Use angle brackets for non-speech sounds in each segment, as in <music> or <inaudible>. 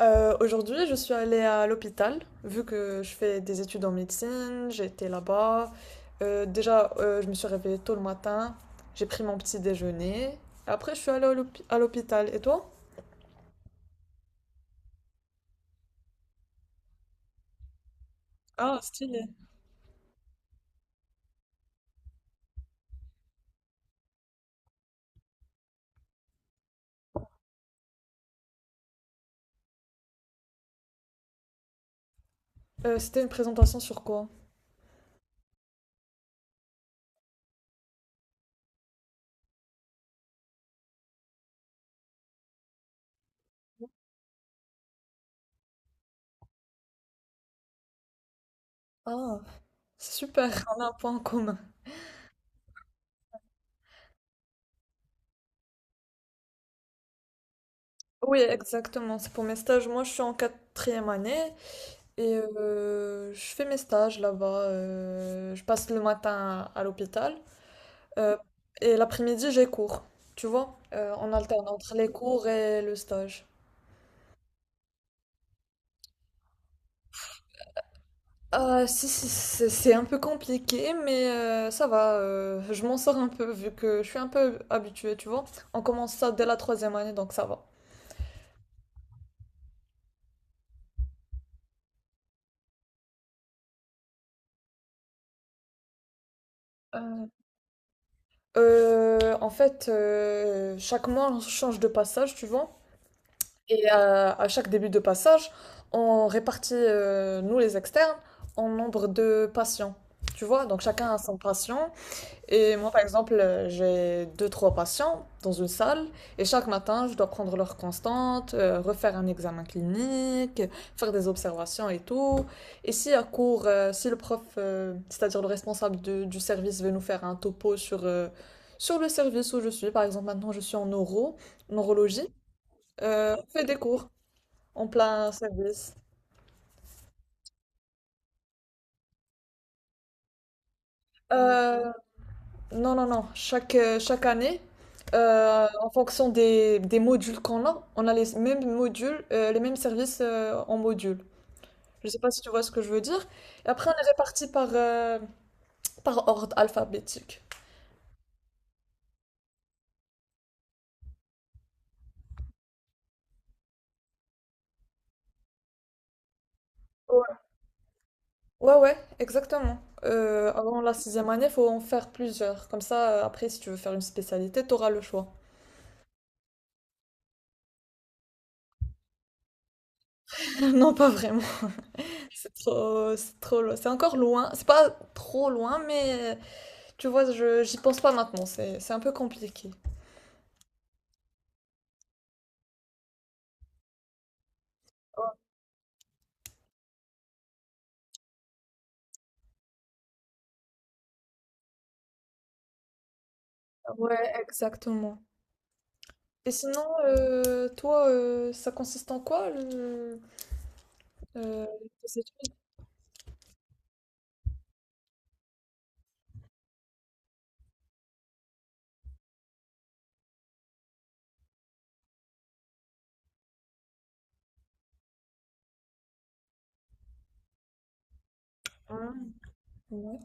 Aujourd'hui, je suis allée à l'hôpital, vu que je fais des études en médecine, j'étais là-bas. Déjà, je me suis réveillée tôt le matin, j'ai pris mon petit déjeuner. Après, je suis allée à l'hôpital. Et toi? Ah, stylé. C'était une présentation sur quoi? Ah, c'est super, <laughs> on a un point en commun. Oui, exactement, c'est pour mes stages. Moi, je suis en quatrième année et je fais mes stages là-bas. Je passe le matin à l'hôpital. Euh, et l'après-midi, j'ai cours, tu vois, on alterne entre les cours et le stage. Ah, si, c'est un peu compliqué, mais ça va, je m'en sors un peu vu que je suis un peu habituée, tu vois. On commence ça dès la troisième année, donc ça va. Euh, En fait, chaque mois, on change de passage, tu vois. Et à chaque début de passage, on répartit, nous les externes, en nombre de patients, tu vois. Donc chacun a son patient. Et moi, par exemple, j'ai deux, trois patients dans une salle, et chaque matin, je dois prendre leur constante, refaire un examen clinique, faire des observations et tout. Et si à court, si le prof, c'est-à-dire le responsable du service, veut nous faire un topo sur, sur le service où je suis, par exemple, maintenant je suis en neurologie, on fait des cours en plein service. Euh, Non, non, non. Chaque, chaque année, en fonction des modules qu'on a, on a les mêmes modules, les mêmes services en module. Je ne sais pas si tu vois ce que je veux dire. Et après, on est répartis par, par ordre alphabétique. Ouais, ouais, ouais, exactement. Avant la sixième année, il faut en faire plusieurs. Comme ça, après, si tu veux faire une spécialité, tu auras le choix. <laughs> Non, pas vraiment. C'est trop, c'est encore loin. C'est pas trop loin, mais tu vois, j'y pense pas maintenant. C'est un peu compliqué. Ouais, exactement. Et sinon, toi, ça consiste en quoi euh, tes études? Hein. Ouais.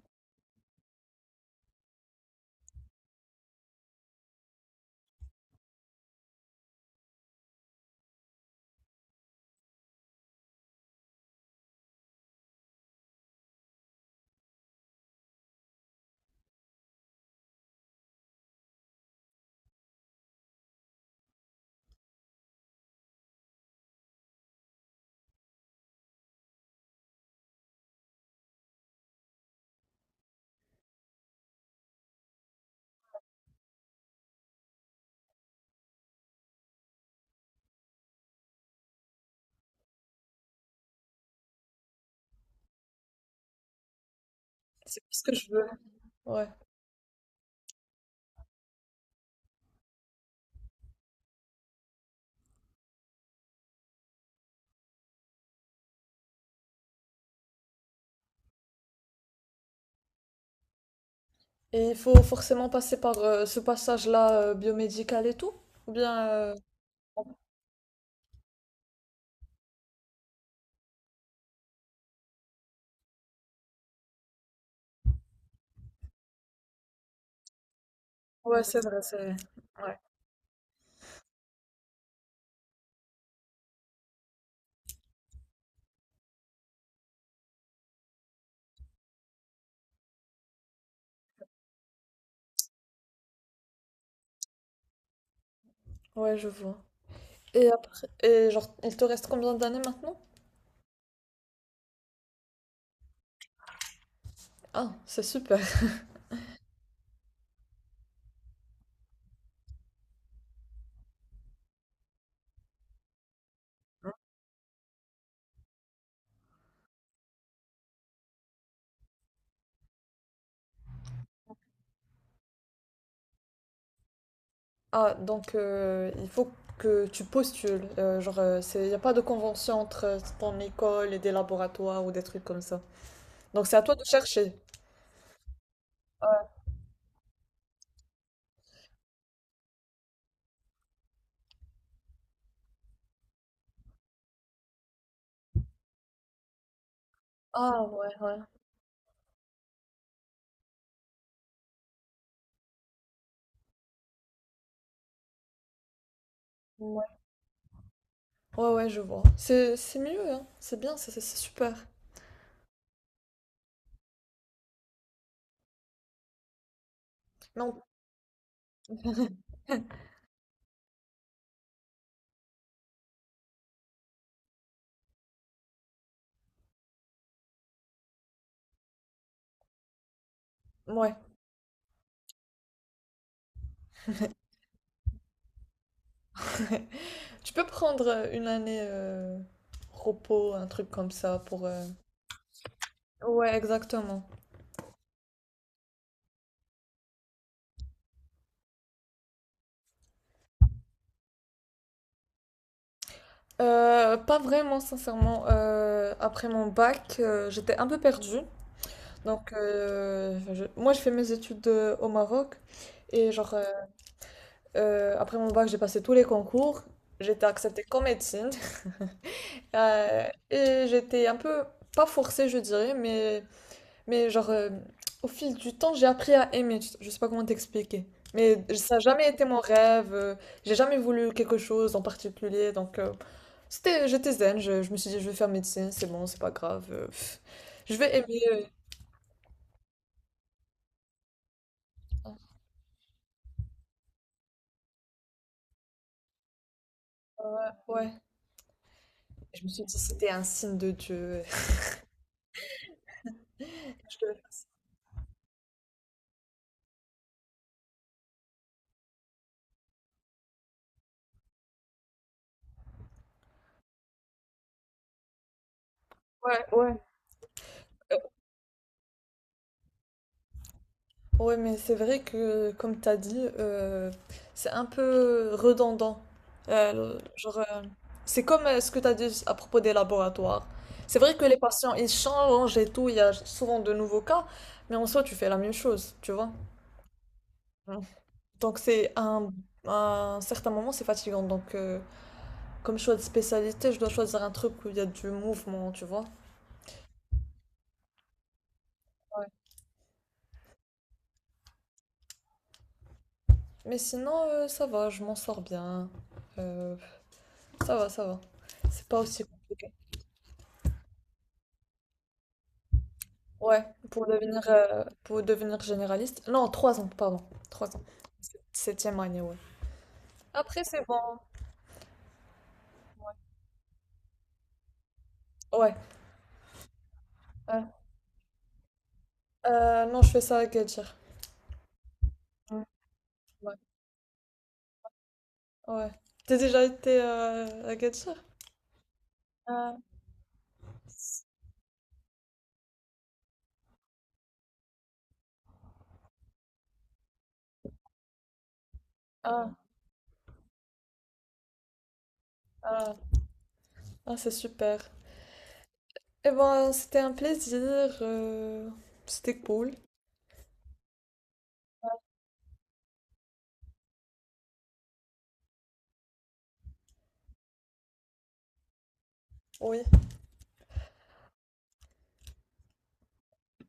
C'est ce que je veux. Ouais. Et il faut forcément passer par ce passage-là biomédical et tout? Ou bien... Ouais, c'est vrai, c'est vrai. Ouais. Ouais, je vois. Et après, et genre, il te reste combien d'années maintenant? Ah, c'est super. <laughs> Ah, donc il faut que tu postules. Genre, il n'y a pas de convention entre ton école et des laboratoires ou des trucs comme ça. Donc c'est à toi de chercher. Ah ouais, ouais. Ouais, ouais, ouais, je vois. C'est mieux, hein. C'est bien, c'est super. Mais ouais. <laughs> Tu peux prendre une année repos, un truc comme ça pour... Ouais, exactement. Pas vraiment, sincèrement. Après mon bac, j'étais un peu perdue. Donc, moi, je fais mes études au Maroc. Et genre, après mon bac, j'ai passé tous les concours. J'étais acceptée qu'en médecine. Et j'étais un peu, pas forcée, je dirais, mais genre, au fil du temps, j'ai appris à aimer. Je sais pas comment t'expliquer. Mais ça n'a jamais été mon rêve. J'ai jamais voulu quelque chose en particulier. Donc, c'était, j'étais zen. Je me suis dit, je vais faire médecine, c'est bon, c'est pas grave. Je vais aimer. Ouais. Je me suis dit, c'était un signe de Dieu. <laughs> Je- Ouais, ouais. Ouais, mais c'est vrai que, comme t'as dit, c'est un peu redondant. Genre, c'est comme ce que t'as dit à propos des laboratoires. C'est vrai que les patients, ils changent et tout, il y a souvent de nouveaux cas, mais en soi, tu fais la même chose, tu vois. Mm. Donc, un certain moment, c'est fatigant. Donc, comme choix de spécialité, je dois choisir un truc où il y a du mouvement, tu vois. Ouais. Mais sinon, ça va, je m'en sors bien. Euh, Ça va, ça va. C'est pas aussi compliqué. Ouais, pour devenir généraliste. Non, trois ans, pardon. Trois ans. Septième année, ouais. Après, c'est bon. Ouais. Ouais. Non, je fais ça à Agadir. Ouais. Ouais. Ouais. T'as déjà été à Agadir? Ah, ah, ah, ah, c'est super. Eh ben, c'était un plaisir. euh, C'était cool. Oui.